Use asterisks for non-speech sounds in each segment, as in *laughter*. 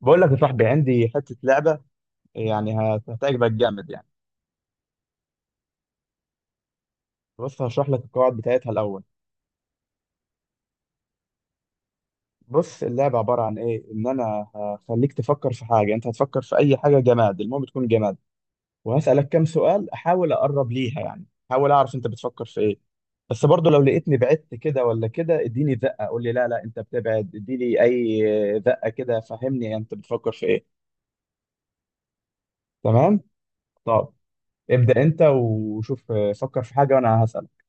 بقول لك يا صاحبي، عندي حتة لعبة يعني هتعجبك جامد يعني. بص، هشرح لك القواعد بتاعتها الأول. بص، اللعبة عبارة عن إيه، إن أنا هخليك تفكر في حاجة. أنت هتفكر في أي حاجة جماد، المهم تكون جماد. وهسألك كام سؤال أحاول أقرب ليها يعني، أحاول أعرف أنت بتفكر في إيه. بس برضه لو لقيتني بعدت كده ولا كده، اديني زقة، قول لي لا لا أنت بتبعد، اديني أي زقة كده، فهمني أنت بتفكر في إيه. تمام. طب، ابدأ أنت وشوف. فكر في حاجة وأنا هسألك.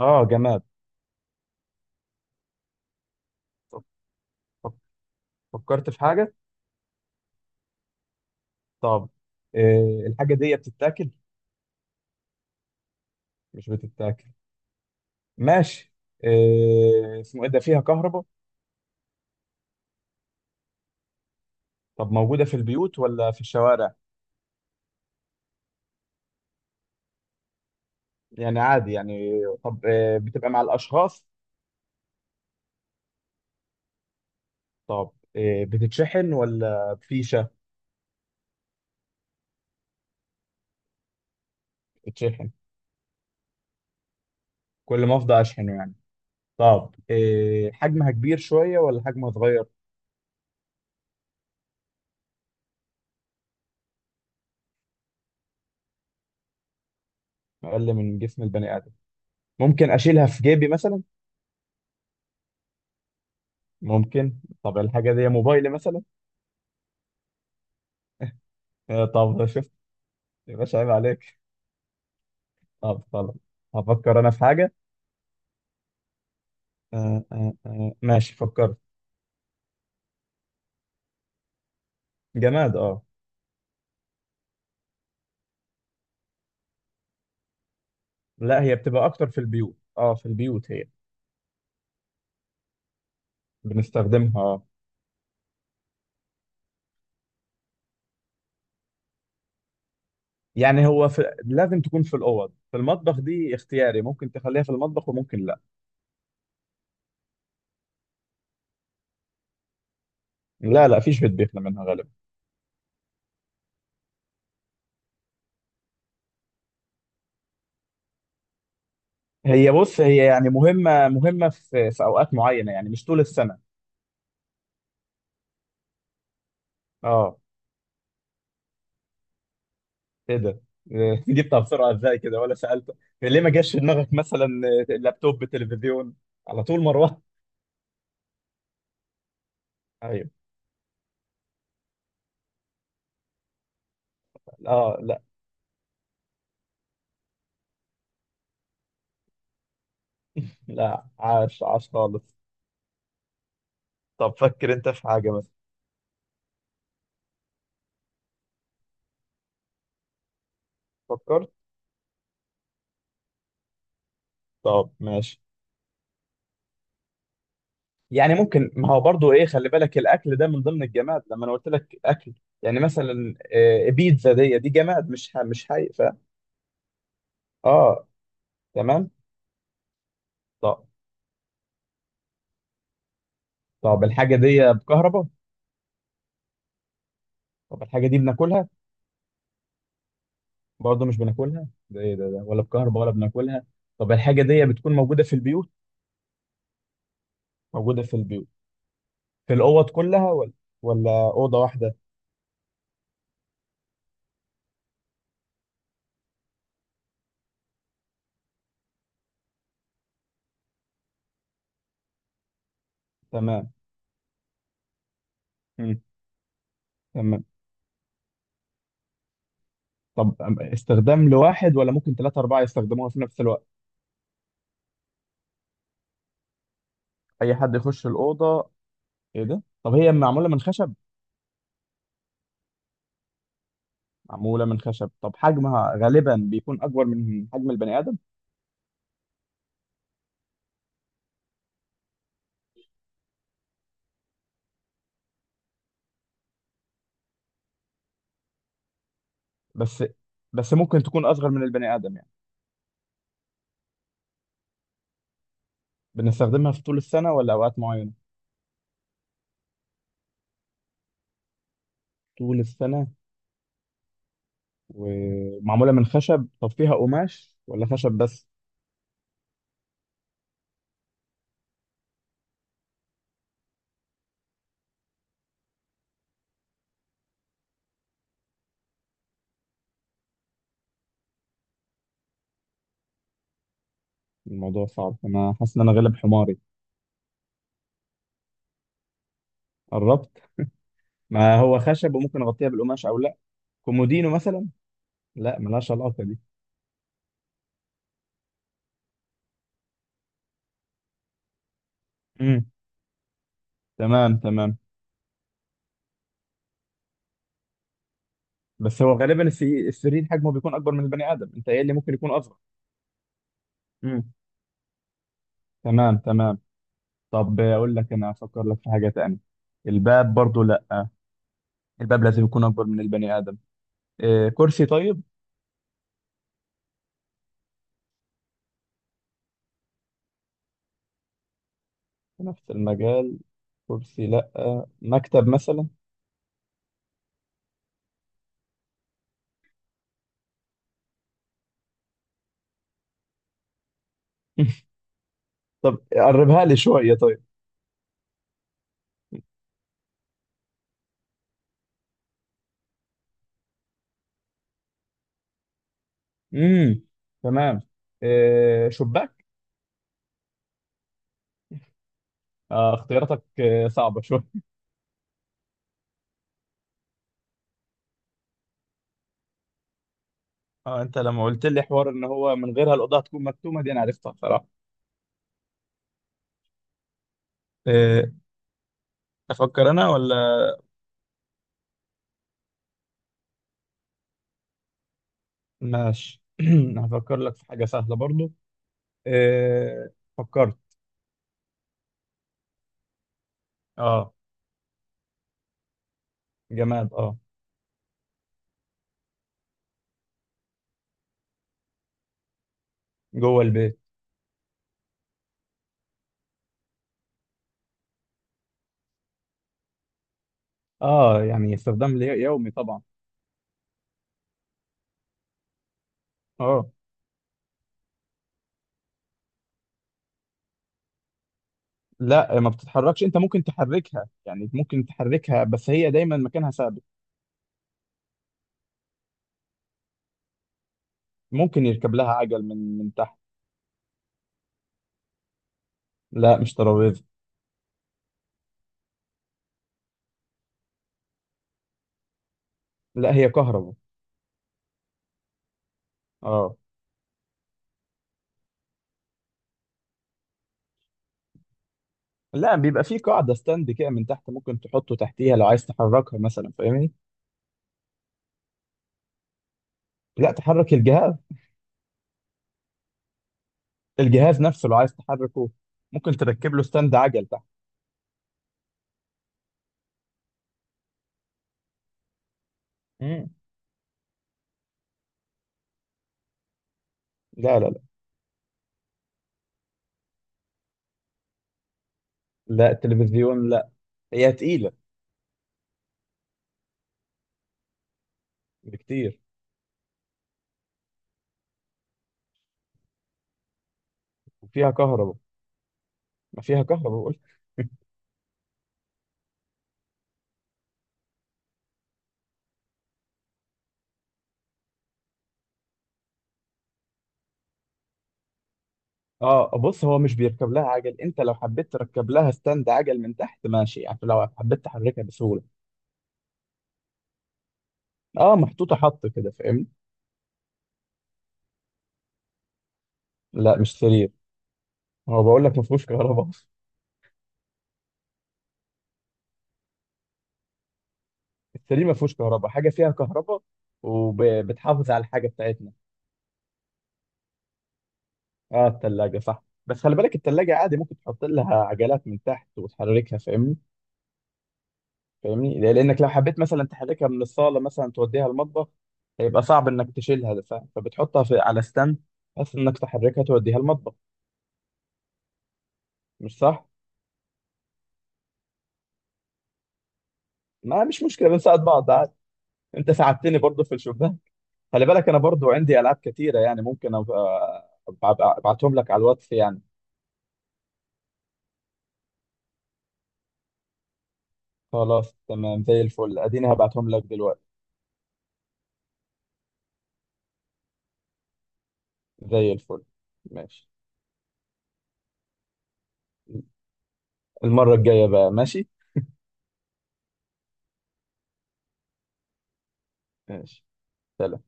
أه، جماد. فكرت في حاجة؟ طب، الحاجة دي بتتاكل؟ مش بتتاكل، ماشي. اسمه ايه ده، فيها كهرباء؟ طب موجودة في البيوت ولا في الشوارع؟ يعني عادي يعني. طب بتبقى مع الأشخاص؟ طب بتتشحن ولا بفيشة؟ بتتشحن. كل ما افضى اشحنه يعني. طب حجمها كبير شوية ولا حجمها صغير؟ اقل من جسم البني آدم. ممكن اشيلها في جيبي مثلا؟ ممكن. طب الحاجة دي موبايلي مثلا. طب ده شفت؟ يا باشا، عيب عليك. طب خلاص، هفكر انا في حاجه. ماشي، فكرت. جماد، اه. لا، هي بتبقى اكتر في البيوت، اه، في البيوت. هي بنستخدمها، اه. يعني هو في، لازم تكون في الاوض. في المطبخ دي اختياري، ممكن تخليها في المطبخ وممكن لا. لا، لا فيش بيت بيخلى منها غالبا. هي بص، هي يعني مهمه مهمه في اوقات معينه، يعني مش طول السنه، اه. ايه ده؟ *laughs* إيه، جبتها بسرعه ازاي كده ولا سالت؟ ليه ما جاش في دماغك مثلا؟ لابتوب، تلفزيون، على طول مروه. *laughs* ايوه، اه، لا. لا، عاش عاش خالص. طب، فكر انت في حاجة مثلا. فكرت. طب ماشي. يعني ممكن، ما هو برضو ايه، خلي بالك الاكل ده من ضمن الجماد لما انا قلت لك اكل. يعني مثلا بيتزا دي جماد، مش حي، اه، تمام. طب طب الحاجة دي بكهرباء؟ طب الحاجة دي بناكلها؟ برضو مش بناكلها. ده ايه ده، ولا بكهرباء ولا بناكلها؟ طب الحاجة دي بتكون موجودة في البيوت؟ موجودة في البيوت. في الاوض كلها ولا اوضة واحدة؟ تمام. مم. تمام. طب استخدام لواحد ولا ممكن ثلاثة أربعة يستخدموها في نفس الوقت؟ أي حد يخش الأوضة. إيه ده؟ طب هي معمولة من خشب؟ معمولة من خشب. طب حجمها غالبا بيكون أكبر من حجم البني آدم؟ بس بس ممكن تكون أصغر من البني آدم يعني. بنستخدمها في طول السنة ولا أوقات معينة؟ طول السنة. ومعمولة من خشب. طب فيها قماش ولا خشب بس؟ الموضوع صعب، أنا حاسس إن أنا غالب حماري. قربت؟ ما هو خشب وممكن أغطيها بالقماش أو لأ. كومودينو مثلا. لأ، ملهاش علاقة دي. مم. تمام، تمام. بس هو غالبا السرير حجمه بيكون اكبر من البني ادم، انت ايه اللي ممكن يكون اصغر؟ امم، تمام، تمام. طب اقول لك انا افكر لك في حاجه تانية. الباب برضو لا. الباب لازم يكون اكبر من البني ادم. إيه، كرسي طيب؟ في نفس المجال. كرسي لا. مكتب مثلا. *laughs* طب قربها لي شويه طيب. امم، تمام. إيه، شباك؟ آه، اختياراتك صعبه شويه. اه، انت لما قلت لي حوار ان هو من غيرها الاوضه هتكون مكتومه دي، انا عرفتها بصراحه. إيه، افكر انا ولا؟ ماشي. *clears throat* هفكر لك في حاجة سهلة برضو. إيه، فكرت. اه. جماد، اه. جوه البيت، اه، يعني استخدام يومي طبعا. اه، لا ما بتتحركش، انت ممكن تحركها، يعني ممكن تحركها، بس هي دايما مكانها ثابت. ممكن يركب لها عجل من تحت. لا، مش ترابيزة. لا، هي كهرباء، اه. لا، بيبقى في قاعدة ستاند كده من تحت، ممكن تحطه تحتيها لو عايز تحركها مثلا، فاهمني. لا، تحرك الجهاز. الجهاز نفسه لو عايز تحركه، ممكن تركب له ستاند عجل. مم. لا، لا، لا، لا. التلفزيون لا. هي تقيلة بكتير وفيها كهرباء. ما فيها كهرباء بقول. *laughs* اه بص، هو مش بيركب لها عجل، انت لو حبيت تركب لها ستاند عجل من تحت ماشي يعني، لو حبيت تحركها بسهولة. اه، محطوطة حط كده، فاهمني. لا، مش سرير. هو بقول لك ما فيهوش كهرباء *laughs* اصلا. السرير ما فيهوش كهرباء. حاجة فيها كهرباء وبتحافظ على الحاجة بتاعتنا. اه، التلاجة صح، بس خلي بالك التلاجة عادي ممكن تحط لها عجلات من تحت وتحركها، فاهمني. فاهمني، لانك لو حبيت مثلا تحركها من الصاله مثلا توديها المطبخ، هيبقى صعب انك تشيلها، فبتحطها في على ستاند، بس انك تحركها توديها المطبخ، مش صح؟ ما مش مشكله، بنساعد بعض عادي. انت ساعدتني برضو في الشباك. خلي بالك انا برضو عندي العاب كتيره يعني، ممكن ابعتهم لك على الواتس يعني. خلاص تمام زي الفل، اديني هبعتهم لك دلوقتي. زي الفل. ماشي. المره الجايه بقى، ماشي. ماشي. سلام.